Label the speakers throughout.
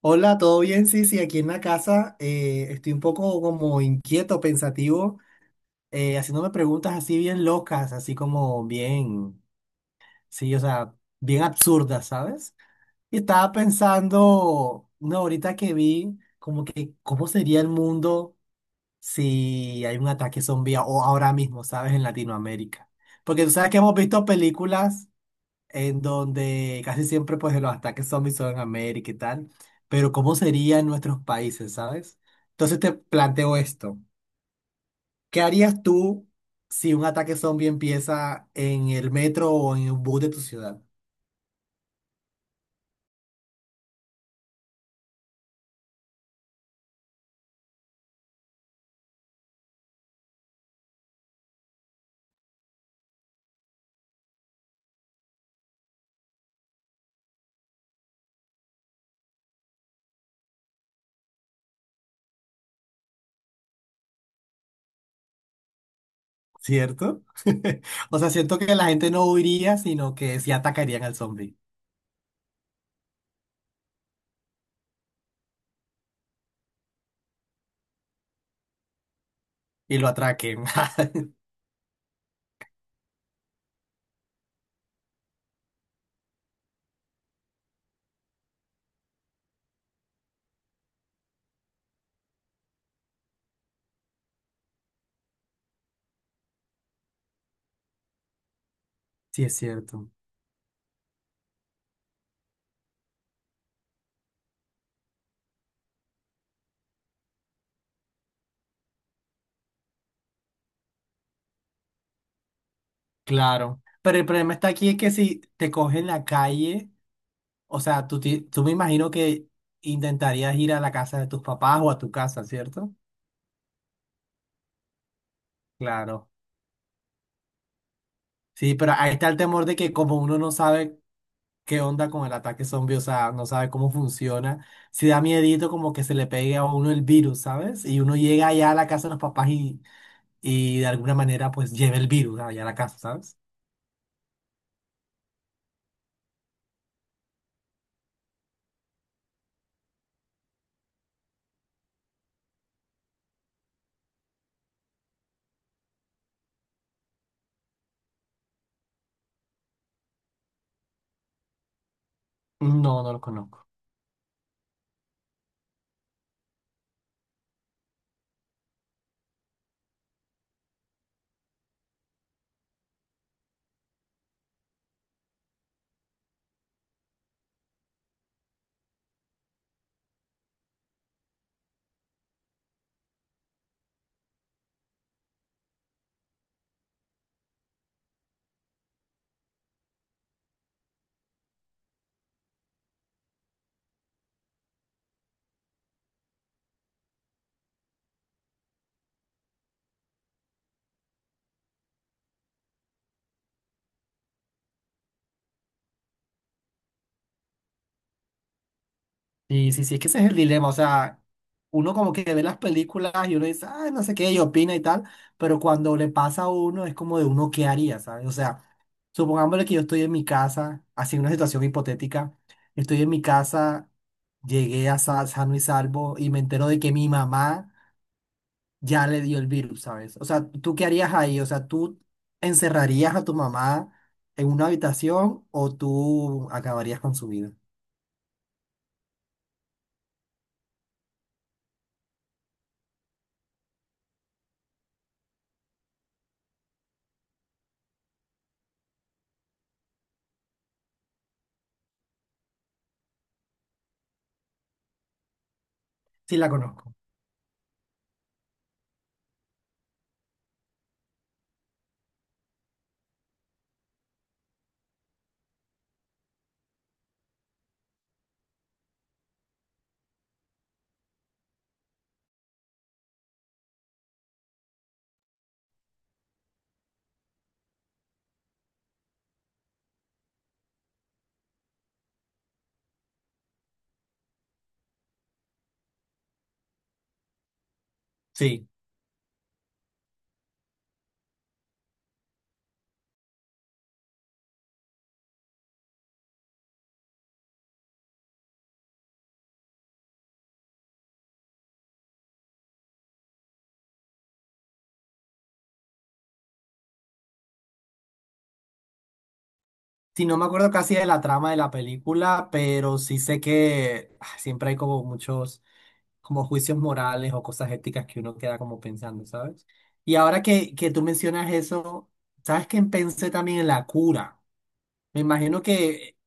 Speaker 1: Hola, ¿todo bien? Sí, sí, aquí en la casa estoy un poco como inquieto, pensativo, haciéndome preguntas así bien locas, así como bien, sí, o sea, bien absurdas, ¿sabes? Y estaba pensando, no, ahorita que vi, como que, ¿cómo sería el mundo si hay un ataque zombie o ahora mismo, ¿sabes? En Latinoamérica. Porque tú sabes que hemos visto películas en donde casi siempre pues los ataques zombies son en América y tal, pero ¿cómo sería en nuestros países, sabes? Entonces te planteo esto, ¿qué harías tú si un ataque zombie empieza en el metro o en un bus de tu ciudad? ¿Cierto? O sea, siento que la gente no huiría, sino que sí atacarían al zombie y lo atraquen. Sí, es cierto. Claro. Pero el problema está aquí es que si te cogen en la calle. O sea, tú me imagino que intentarías ir a la casa de tus papás o a tu casa, ¿cierto? Claro. Sí, pero ahí está el temor de que como uno no sabe qué onda con el ataque zombie, o sea, no sabe cómo funciona, si da miedito como que se le pegue a uno el virus, ¿sabes? Y uno llega allá a la casa de los papás y de alguna manera pues lleve el virus allá a la casa, ¿sabes? No, no lo conozco. Sí, sí, sí, es que ese es el dilema, o sea, uno como que ve las películas y uno dice, ah, no sé qué, y opina y tal, pero cuando le pasa a uno es como de uno qué haría, ¿sabes? O sea, supongámosle que yo estoy en mi casa, así una situación hipotética, estoy en mi casa, llegué a sano y salvo y me entero de que mi mamá ya le dio el virus, ¿sabes? O sea, ¿tú qué harías ahí? O sea, ¿tú encerrarías a tu mamá en una habitación o tú acabarías con su vida? Sí, la conozco. Sí. Sí, no me acuerdo casi de la trama de la película, pero sí sé que ah, siempre hay como muchos como juicios morales o cosas éticas que uno queda como pensando, ¿sabes? Y ahora que tú mencionas eso, ¿sabes que pensé también en la cura? Me imagino que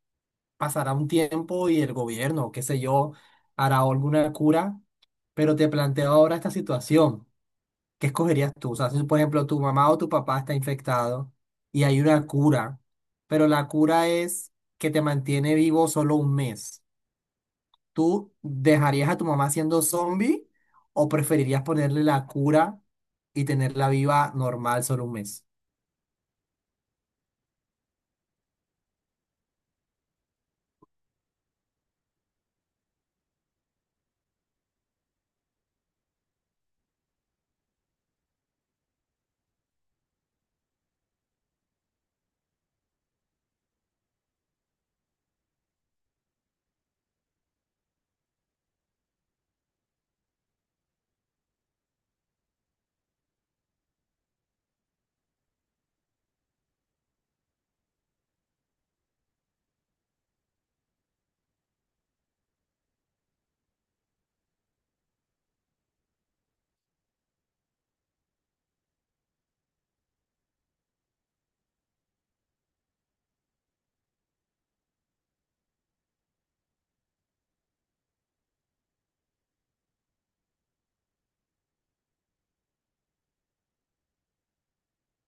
Speaker 1: pasará un tiempo y el gobierno, qué sé yo, hará alguna cura, pero te planteo ahora esta situación. ¿Qué escogerías tú? O sea, si por ejemplo tu mamá o tu papá está infectado y hay una cura, pero la cura es que te mantiene vivo solo un mes. ¿Tú dejarías a tu mamá siendo zombie o preferirías ponerle la cura y tenerla viva normal solo un mes?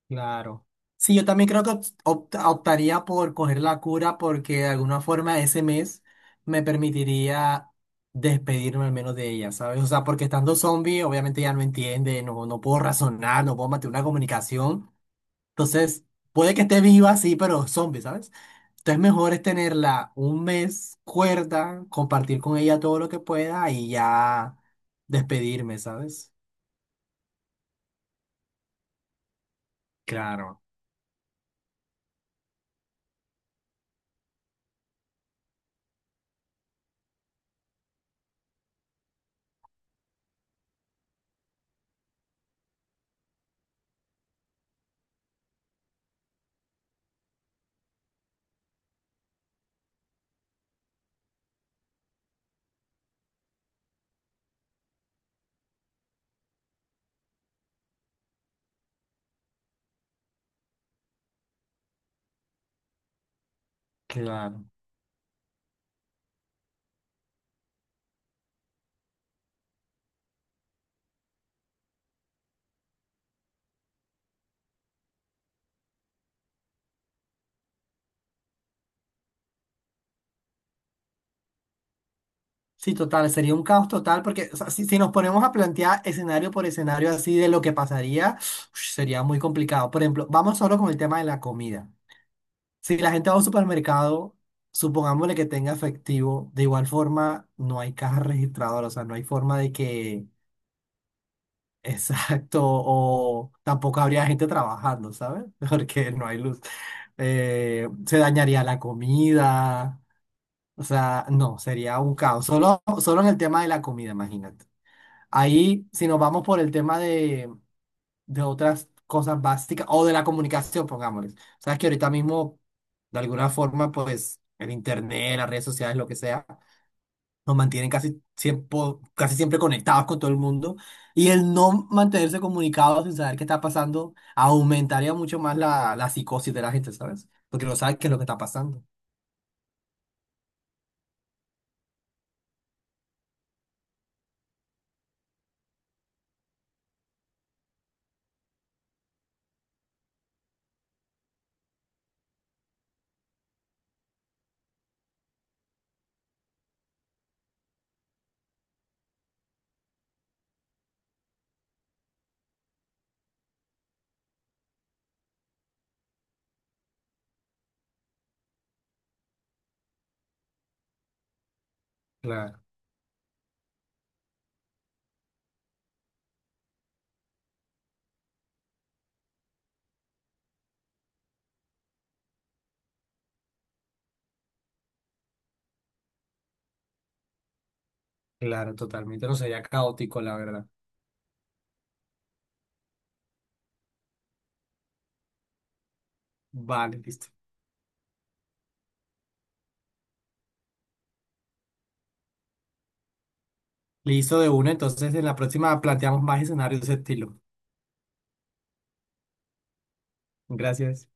Speaker 1: Claro. Sí, yo también creo que optaría por coger la cura porque de alguna forma ese mes me permitiría despedirme al menos de ella, ¿sabes? O sea, porque estando zombie, obviamente ya no entiende, no, no puedo razonar, no puedo mantener una comunicación. Entonces, puede que esté viva, sí, pero zombie, ¿sabes? Entonces, mejor es tenerla un mes cuerda, compartir con ella todo lo que pueda y ya despedirme, ¿sabes? Claro, claro. Sí, total, sería un caos total porque o sea, si, si nos ponemos a plantear escenario por escenario así de lo que pasaría, ush, sería muy complicado. Por ejemplo, vamos solo con el tema de la comida. Si la gente va a un supermercado, supongámosle que tenga efectivo, de igual forma no hay caja registradora, o sea, no hay forma de que, exacto, o tampoco habría gente trabajando, ¿sabes? Porque no hay luz. Se dañaría la comida, o sea, no, sería un caos. Solo, solo en el tema de la comida, imagínate. Ahí, si nos vamos por el tema de otras cosas básicas o de la comunicación, pongámosles. Sabes que ahorita mismo, de alguna forma, pues el internet, las redes sociales, lo que sea, nos mantienen casi siempre conectados con todo el mundo. Y el no mantenerse comunicados sin saber qué está pasando aumentaría mucho más la psicosis de la gente, ¿sabes? Porque no sabe qué es lo que está pasando. Claro, claro, totalmente. No sería caótico, la verdad. Vale, listo. Listo de una, entonces en la próxima planteamos más escenarios de ese estilo. Gracias.